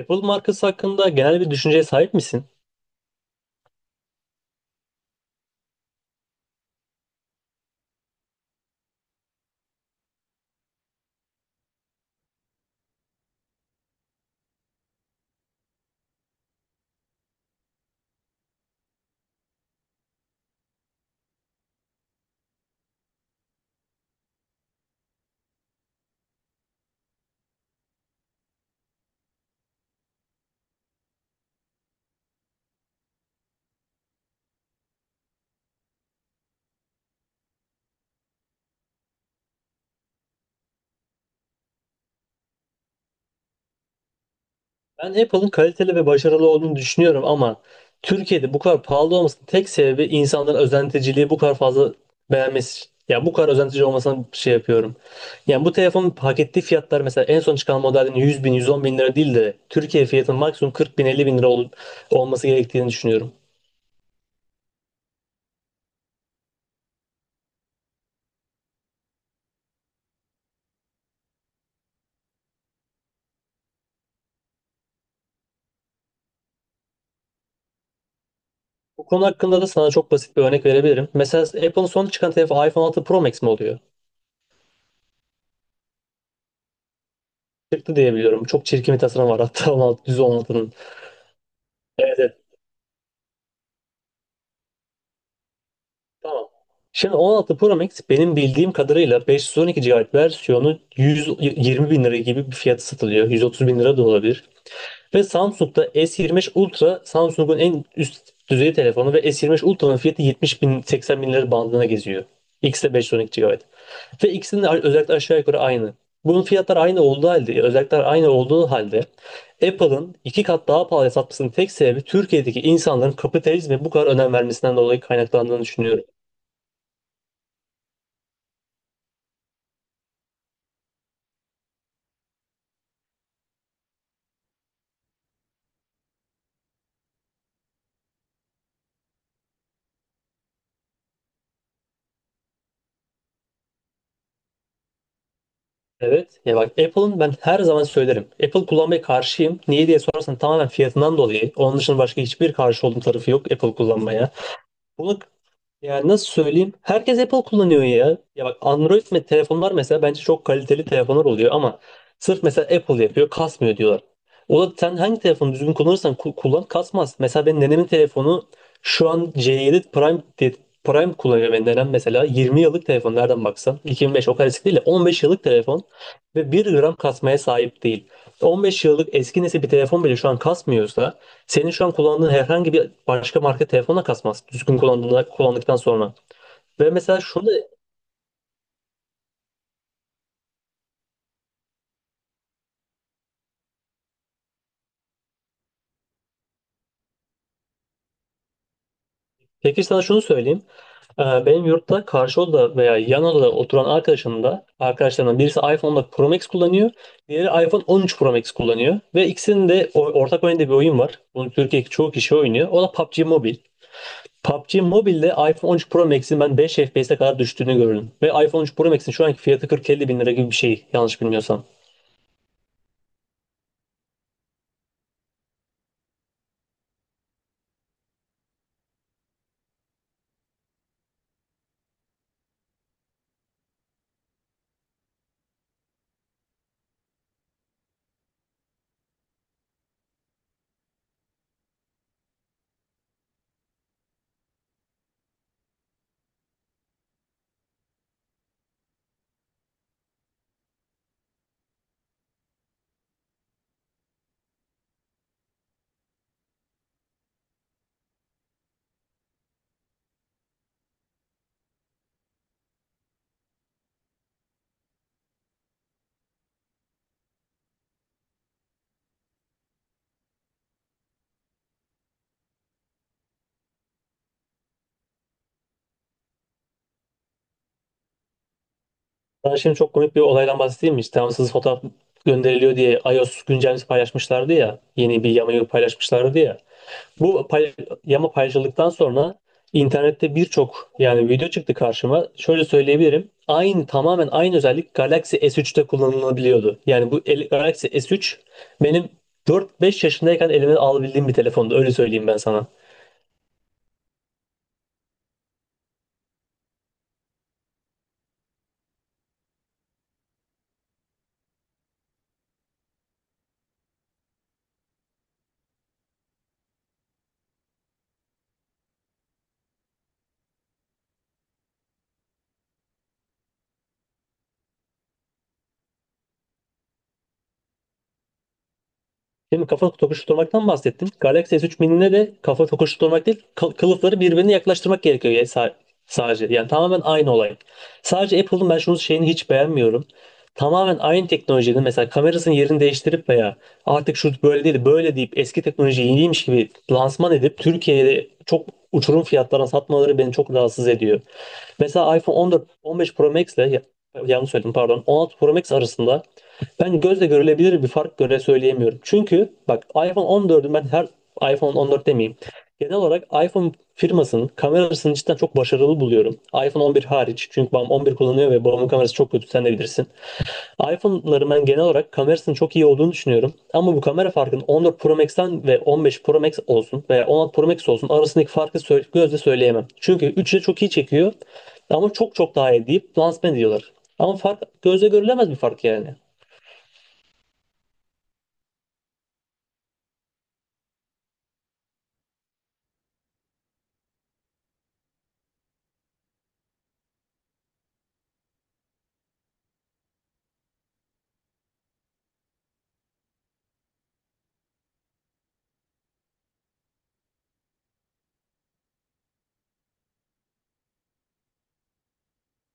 Apple markası hakkında genel bir düşünceye sahip misin? Ben Apple'ın kaliteli ve başarılı olduğunu düşünüyorum ama Türkiye'de bu kadar pahalı olmasının tek sebebi insanların özenticiliği bu kadar fazla beğenmesi. Ya bu kadar özentici olmasına şey yapıyorum. Yani bu telefonun hak ettiği fiyatlar mesela en son çıkan modelin 100 bin, 110 bin lira değil de Türkiye fiyatının maksimum 40 bin, 50 bin lira olması gerektiğini düşünüyorum. Bu konu hakkında da sana çok basit bir örnek verebilirim. Mesela Apple'ın son çıkan telefonu iPhone 6 Pro Max mi oluyor? Çıktı diye biliyorum. Çok çirkin bir tasarım var hatta 16, 116'nın. Evet, evet. Tamam. Şimdi 16 Pro Max benim bildiğim kadarıyla 512 GB versiyonu 120 bin lira gibi bir fiyatı satılıyor. 130 bin lira da olabilir. Ve Samsung'da S25 Ultra Samsung'un en üst düzey telefonu ve S25 Ultra'nın fiyatı 70 bin 80 bin lira bandına geziyor. X'de 512 GB. Ve ikisinin de özellikler aşağı yukarı aynı. Bunun fiyatları aynı olduğu halde, özellikler aynı olduğu halde Apple'ın iki kat daha pahalıya satmasının tek sebebi Türkiye'deki insanların kapitalizme bu kadar önem vermesinden dolayı kaynaklandığını düşünüyorum. Evet, ya bak Apple'ın ben her zaman söylerim. Apple kullanmaya karşıyım. Niye diye sorarsan tamamen fiyatından dolayı. Onun dışında başka hiçbir karşı olduğum tarafı yok Apple kullanmaya. Bunu yani nasıl söyleyeyim? Herkes Apple kullanıyor ya. Ya bak Android telefonlar mesela bence çok kaliteli telefonlar oluyor ama sırf mesela Apple yapıyor kasmıyor diyorlar. O da sen hangi telefonu düzgün kullanırsan kullan kasmaz. Mesela benim nenemin telefonu şu an C7 Prime Prime kullanıyor benim nenem mesela. 20 yıllık telefon nereden baksan. 2005 o kadar eski değil de 15 yıllık telefon ve bir gram kasmaya sahip değil. 15 yıllık eski nesil bir telefon bile şu an kasmıyorsa senin şu an kullandığın herhangi bir başka marka telefonla kasmaz. Düzgün kullandığında, kullandıktan sonra. Ve mesela şunu Peki sana şunu söyleyeyim. Benim yurtta karşı odada veya yan odada oturan arkadaşım da arkadaşlarımdan birisi iPhone 14 Pro Max kullanıyor. Diğeri iPhone 13 Pro Max kullanıyor. Ve ikisinin de ortak oynadığı bir oyun var. Bunu Türkiye'deki çoğu kişi oynuyor. O da PUBG Mobile. PUBG Mobile'de iPhone 13 Pro Max'in ben 5 FPS'e kadar düştüğünü gördüm. Ve iPhone 13 Pro Max'in şu anki fiyatı 40-50 bin lira gibi bir şey yanlış bilmiyorsam. Ben şimdi çok komik bir olaydan bahsedeyim mi? İşte tamamsız fotoğraf gönderiliyor diye iOS güncellemesi paylaşmışlardı ya. Yeni bir yamayı paylaşmışlardı ya. Bu pay- yama paylaşıldıktan sonra internette birçok yani video çıktı karşıma. Şöyle söyleyebilirim. Aynı tamamen aynı özellik Galaxy S3'te kullanılabiliyordu. Yani Galaxy S3 benim 4-5 yaşındayken elime alabildiğim bir telefondu. Öyle söyleyeyim ben sana. Şimdi kafa tokuşturmaktan bahsettim. Galaxy S3 Mini'ne de kafa tokuşturmak değil, kılıfları birbirine yaklaştırmak gerekiyor ya sadece. Yani tamamen aynı olay. Sadece Apple'ın ben şunu şeyini hiç beğenmiyorum. Tamamen aynı teknolojinin mesela kamerasının yerini değiştirip veya artık şu böyle değil böyle deyip eski teknoloji yeniymiş gibi lansman edip Türkiye'de çok uçurum fiyatlarına satmaları beni çok rahatsız ediyor. Mesela iPhone 14, 15 Pro Max'le yanlış söyledim pardon. 16 Pro Max arasında ben gözle görülebilir bir fark göre söyleyemiyorum. Çünkü bak iPhone 14'ün ben her iPhone 14 demeyeyim. Genel olarak iPhone firmasının kamerasını cidden çok başarılı buluyorum. iPhone 11 hariç. Çünkü babam 11 kullanıyor ve babamın kamerası çok kötü sen de bilirsin iPhone'ların ben genel olarak kamerasının çok iyi olduğunu düşünüyorum. Ama bu kamera farkının 14 Pro Max'ten ve 15 Pro Max olsun veya 16 Pro Max olsun arasındaki farkı gözle söyleyemem. Çünkü 3'ü de çok iyi çekiyor ama çok çok daha iyi deyip lansman ediyorlar. Ama fark gözle görülemez bir fark yani.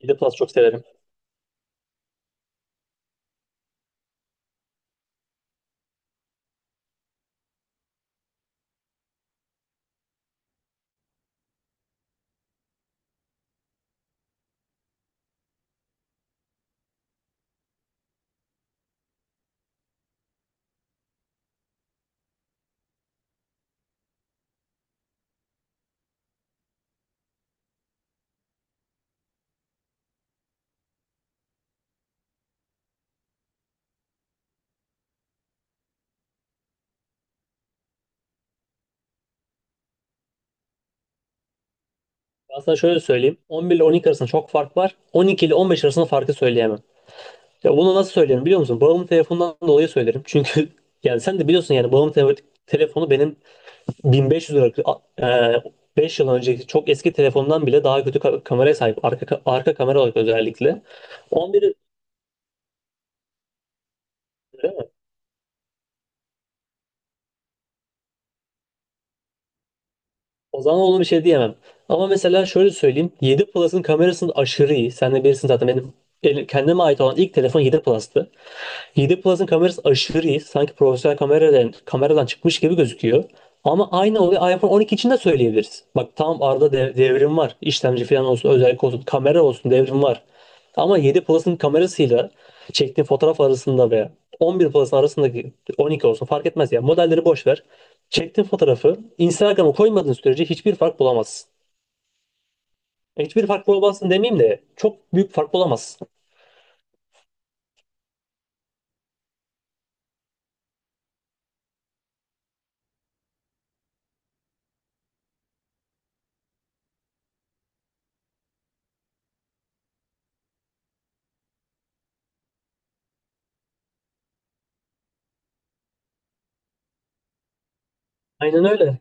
7 Plus çok severim. Ben sana şöyle söyleyeyim. 11 ile 12 arasında çok fark var. 12 ile 15 arasında farkı söyleyemem. Ya bunu nasıl söylerim biliyor musun? Bağımlı telefondan dolayı söylerim. Çünkü yani sen de biliyorsun yani bağımlı telefonu benim 1500 lira 5 yıl önceki çok eski telefondan bile daha kötü kameraya sahip. Arka kamera olarak özellikle. 11 o zaman ona bir şey diyemem. Ama mesela şöyle söyleyeyim. 7 Plus'ın kamerasının aşırı iyi. Sen de bilirsin zaten benim kendime ait olan ilk telefon 7 Plus'tı. 7 Plus'ın kamerası aşırı iyi. Sanki profesyonel kameradan çıkmış gibi gözüküyor. Ama aynı olayı iPhone 12 için de söyleyebiliriz. Bak tam arada devrim var. İşlemci falan olsun, özellik olsun, kamera olsun devrim var. Ama 7 Plus'ın kamerasıyla çektiğin fotoğraf arasında veya 11 Plus'ın arasındaki 12 olsun fark etmez ya. Modelleri boş ver. Çektiğin fotoğrafı Instagram'a koymadığın sürece hiçbir fark bulamazsın. Hiçbir fark bulamazsın demeyeyim de çok büyük fark bulamazsın. Aynen öyle.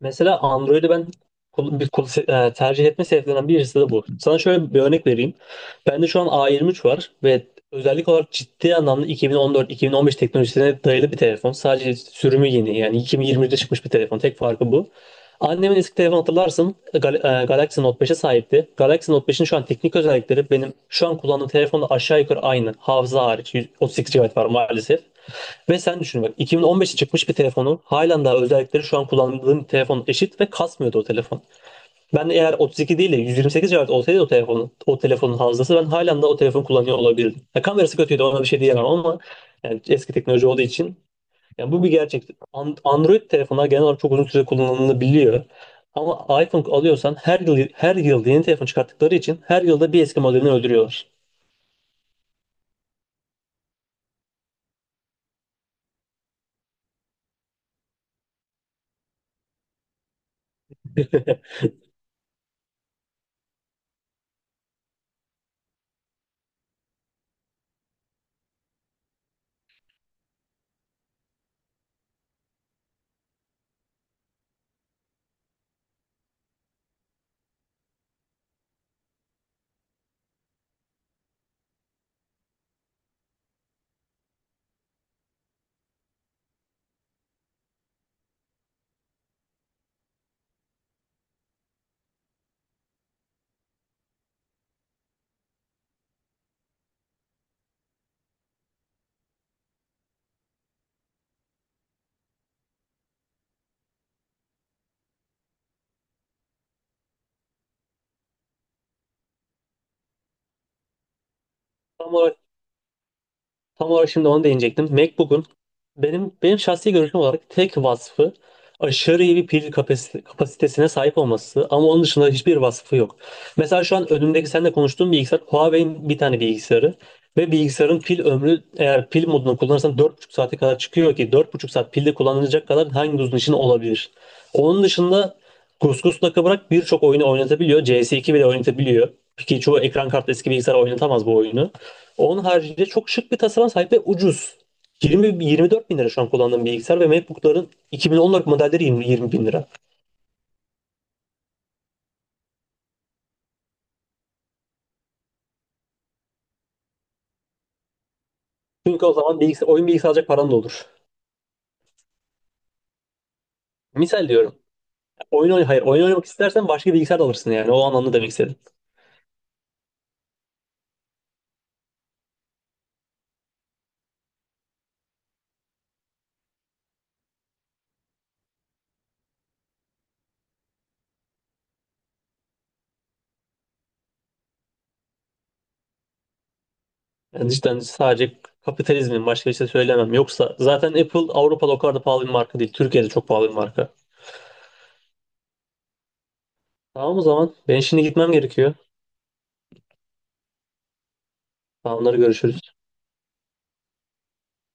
Mesela Android'i ben kul- bir kul- se- e, tercih etme sebeplerinden birisi de bu. Sana şöyle bir örnek vereyim. Bende şu an A23 var ve özellik olarak ciddi anlamda 2014-2015 teknolojisine dayalı bir telefon. Sadece sürümü yeni yani 2020'de çıkmış bir telefon. Tek farkı bu. Annemin eski telefonu hatırlarsın Galaxy Note 5'e sahipti. Galaxy Note 5'in şu an teknik özellikleri benim şu an kullandığım telefonla aşağı yukarı aynı. Hafıza hariç 138 GB var maalesef. Ve sen düşün bak 2015'te çıkmış bir telefonun halen daha özellikleri şu an kullandığım telefon eşit ve kasmıyordu o telefon. Ben eğer 32 değil de 128 GB olsaydı o telefonun hafızası ben halen daha o telefonu kullanıyor olabilirdim. Ya kamerası kötüydü ona bir şey diyemem ama yani eski teknoloji olduğu için yani bu bir gerçek. Android telefonlar genel olarak çok uzun süre kullanılabiliyor. Ama iPhone alıyorsan her yıl her yıl yeni telefon çıkarttıkları için her yılda bir eski modelini öldürüyorlar. Tam olarak Tam olarak şimdi onu değinecektim. MacBook'un benim şahsi görüşüm olarak tek vasfı aşırı iyi bir pil kapasitesine sahip olması ama onun dışında hiçbir vasfı yok. Mesela şu an önümdeki seninle konuştuğum bilgisayar Huawei'in bir tane bilgisayarı ve bilgisayarın pil ömrü eğer pil modunu kullanırsan 4,5 saate kadar çıkıyor ki 4,5 saat pilde kullanılacak kadar hangi uzun işin olabilir? Onun dışında Kuskus nakı bırak birçok oyunu oynatabiliyor. CS2 bile oynatabiliyor. Ki çoğu ekran kartı eski bilgisayar oynatamaz bu oyunu. Onun haricinde çok şık bir tasarıma sahip ve ucuz. 20, 24 bin lira şu an kullandığım bilgisayar ve MacBook'ların 2014 modelleri 20, 20 bin lira. Çünkü o zaman bilgisayar, oyun bilgisayar alacak paran da olur. Misal diyorum. Oyun oyn hayır, oyun oynamak istersen başka bir bilgisayar da alırsın yani. O anlamda demek istedim. Yani cidden sadece kapitalizmin başka bir şey söylemem. Yoksa zaten Apple Avrupa'da o kadar da pahalı bir marka değil. Türkiye'de çok pahalı bir marka. Tamam o zaman. Ben şimdi gitmem gerekiyor. Tamamları görüşürüz.